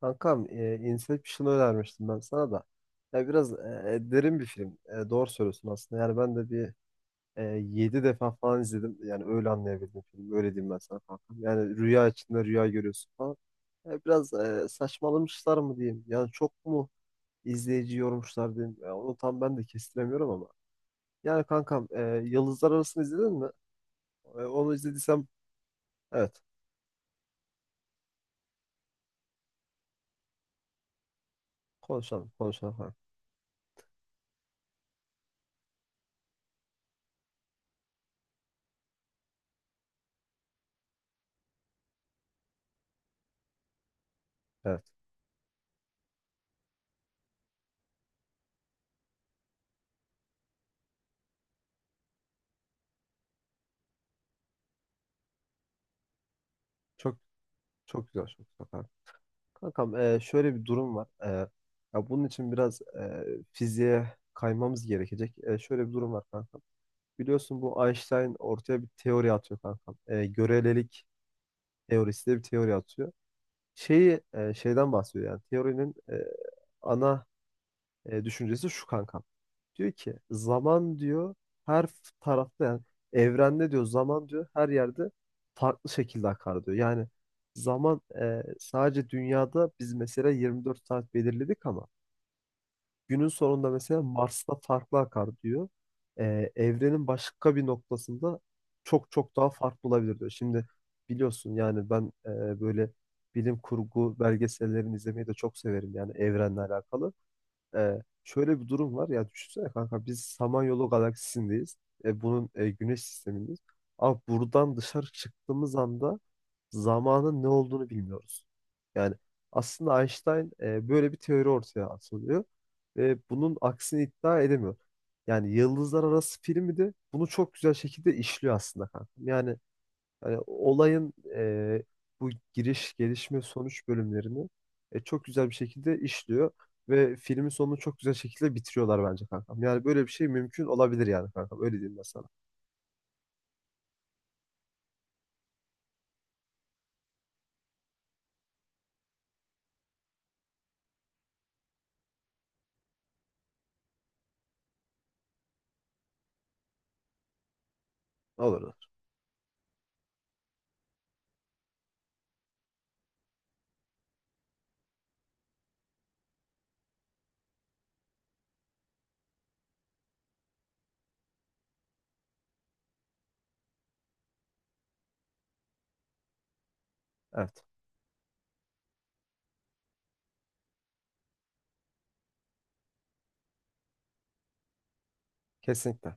Kankam, Inception'ı önermiştim ben sana da. Ya biraz derin bir film. Doğru söylüyorsun aslında. Yani ben de bir 7 defa falan izledim. Yani öyle anlayabildim filmi. Öyle diyeyim ben sana kankam. Yani rüya içinde rüya görüyorsun falan. Biraz saçmalamışlar mı diyeyim. Yani çok mu izleyici yormuşlar diyeyim. Ya onu tam ben de kestiremiyorum ama. Yani kankam, Yıldızlar Arası'nı izledin mi? Onu izlediysem evet. Konuşalım, konuşalım, kankam. Evet. Çok çok güzel, çok güzel, kankam. Kankam, şöyle bir durum var. Ya bunun için biraz fiziğe kaymamız gerekecek. Şöyle bir durum var kankam. Biliyorsun bu Einstein ortaya bir teori atıyor kankam. Görelilik teorisi diye bir teori atıyor. Şeyi, şeyden bahsediyor yani teorinin ana düşüncesi şu kankam. Diyor ki zaman diyor her tarafta, yani evrende diyor zaman diyor her yerde farklı şekilde akar diyor. Yani zaman sadece dünyada biz mesela 24 saat belirledik ama günün sonunda mesela Mars'ta farklı akar diyor. Evrenin başka bir noktasında çok çok daha farklı olabilir diyor. Şimdi biliyorsun yani ben böyle bilim kurgu belgesellerini izlemeyi de çok severim, yani evrenle alakalı. Şöyle bir durum var, ya düşünsene kanka, biz Samanyolu galaksisindeyiz. Bunun güneş sistemindeyiz. Ama buradan dışarı çıktığımız anda zamanın ne olduğunu bilmiyoruz. Yani aslında Einstein böyle bir teori ortaya atılıyor ve bunun aksini iddia edemiyor. Yani Yıldızlar Arası filmi de bunu çok güzel şekilde işliyor aslında kanka. Yani hani olayın bu giriş, gelişme, sonuç bölümlerini çok güzel bir şekilde işliyor ve filmin sonunu çok güzel şekilde bitiriyorlar bence kankam. Yani böyle bir şey mümkün olabilir yani kankam. Öyle diyeyim ben sana. Olur, olur. Evet. Kesinlikle.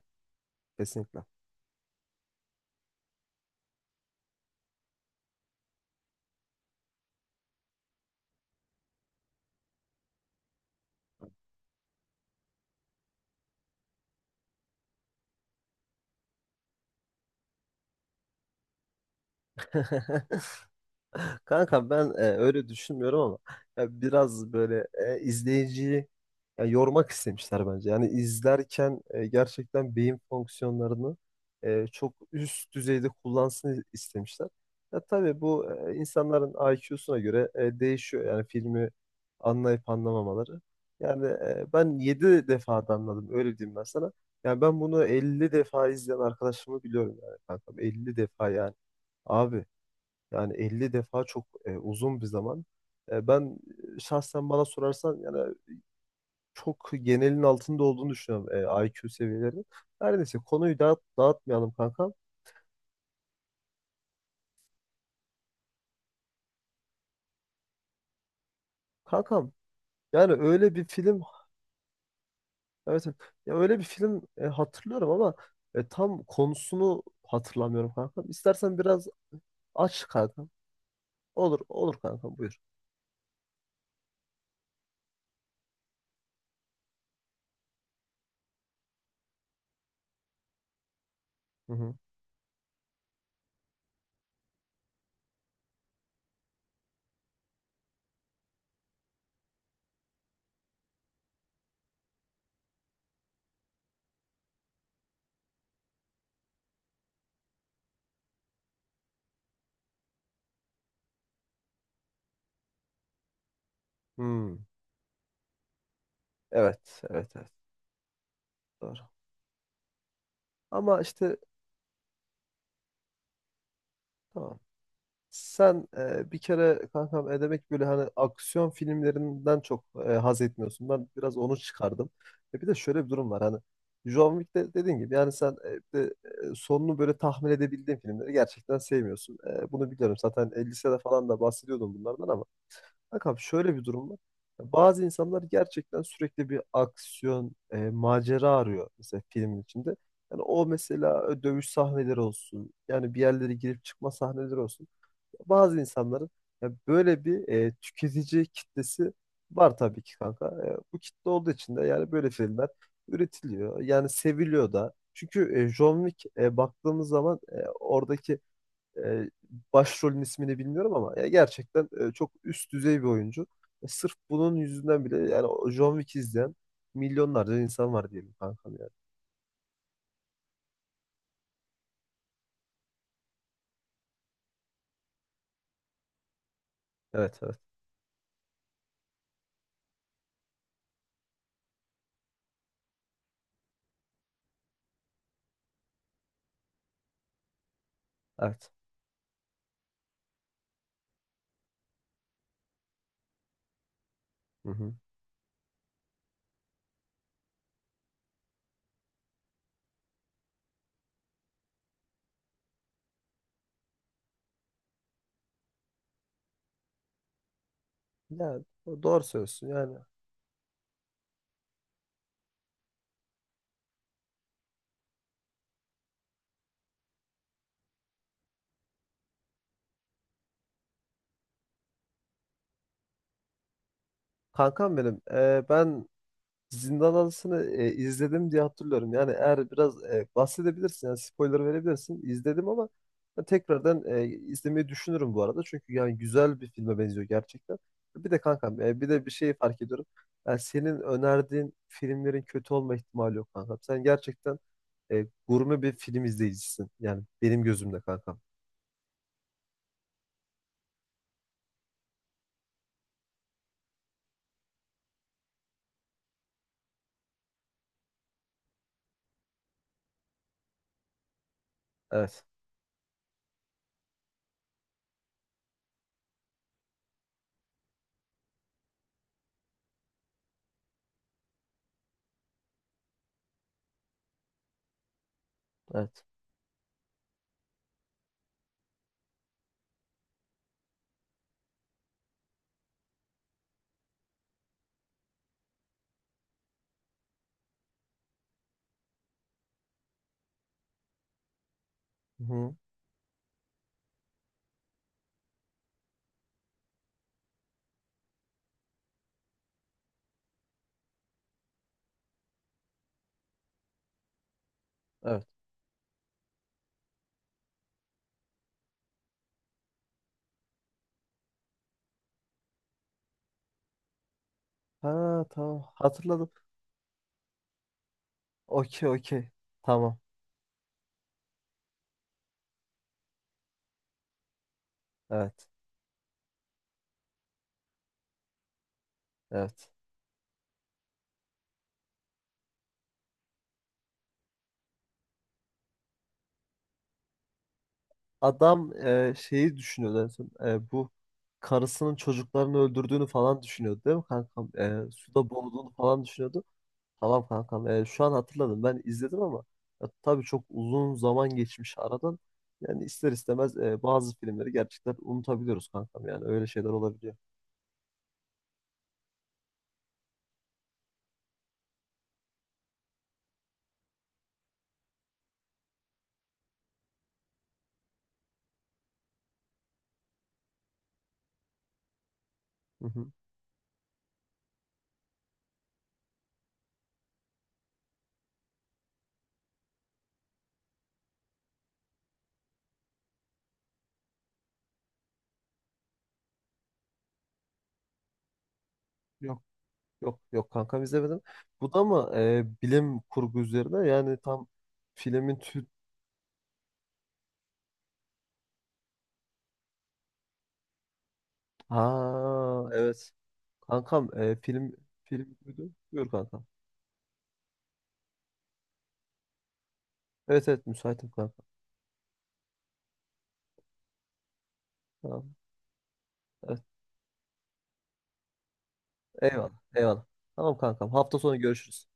Kesinlikle. Kanka ben öyle düşünmüyorum ama ya biraz böyle izleyiciyi ya, yormak istemişler bence. Yani izlerken gerçekten beyin fonksiyonlarını çok üst düzeyde kullansın istemişler. Ya tabii bu insanların IQ'suna göre değişiyor. Yani filmi anlayıp anlamamaları. Yani ben 7 defa da anladım, öyle diyeyim ben sana. Yani ben bunu 50 defa izleyen arkadaşımı biliyorum yani kankam. Elli defa yani. Abi, yani 50 defa çok uzun bir zaman. Ben şahsen bana sorarsan, yani çok genelin altında olduğunu düşünüyorum IQ seviyeleri. Her neyse, konuyu dağıtmayalım kankam. Kankam, yani öyle bir film. Evet, evet. Ya öyle bir film hatırlıyorum ama tam konusunu hatırlamıyorum kankam. İstersen biraz aç kankam. Olur, olur kankam, buyur. Hı hı. Hmm. Evet, evet, evet, doğru. Ama işte tamam. Sen bir kere kankam, demek böyle hani aksiyon filmlerinden çok haz etmiyorsun. Ben biraz onu çıkardım. Bir de şöyle bir durum var, hani John Wick'te dediğin gibi yani sen, sonunu böyle tahmin edebildiğin filmleri gerçekten sevmiyorsun. Bunu biliyorum zaten, lisede falan da bahsediyordum bunlardan, ama kankam şöyle bir durum var. Bazı insanlar gerçekten sürekli bir aksiyon, macera arıyor mesela filmin içinde. Yani o mesela dövüş sahneleri olsun, yani bir yerlere girip çıkma sahneleri olsun, bazı insanların ya böyle bir tüketici kitlesi var tabii ki kanka. Bu kitle olduğu için de yani böyle filmler üretiliyor. Yani seviliyor da. Çünkü John Wick, baktığımız zaman oradaki e, başrolün ismini bilmiyorum ama ya gerçekten çok üst düzey bir oyuncu. Sırf bunun yüzünden bile yani o John Wick izleyen milyonlarca insan var diyelim kankam yani. Evet, evet. Evet. Hı hı. Yani doğru söylüyorsun yani. Kankam ben Zindan Adası'nı izledim diye hatırlıyorum. Yani eğer biraz bahsedebilirsin, yani spoiler verebilirsin. İzledim ama ben tekrardan izlemeyi düşünürüm bu arada. Çünkü yani güzel bir filme benziyor gerçekten. Bir de kankam, bir de bir şey fark ediyorum. Yani senin önerdiğin filmlerin kötü olma ihtimali yok kankam. Sen gerçekten gurme bir film izleyicisin. Yani benim gözümde kankam. Evet, evet. Hı-hı. Evet. Ha, tamam, hatırladım. Okey, okey. Tamam. Evet, evet. Adam şeyi düşünüyordu en son. Bu karısının çocuklarını öldürdüğünü falan düşünüyordu değil mi kankam? Suda boğulduğunu falan düşünüyordu. Tamam kankam, şu an hatırladım. Ben izledim ama ya, tabii çok uzun zaman geçmiş aradan. Yani ister istemez bazı filmleri gerçekten unutabiliyoruz kankam. Yani öyle şeyler olabiliyor. Hı hı. Yok, yok, yok, kankam, izlemedim. Bu da mı bilim kurgu üzerine? Yani tam filmin tü- Ha, evet. Kankam, film buydu. Buyur kankam. Evet, evet, müsaitim kankam. Tamam. Evet. Eyvallah. Eyvallah. Tamam kankam. Hafta sonu görüşürüz.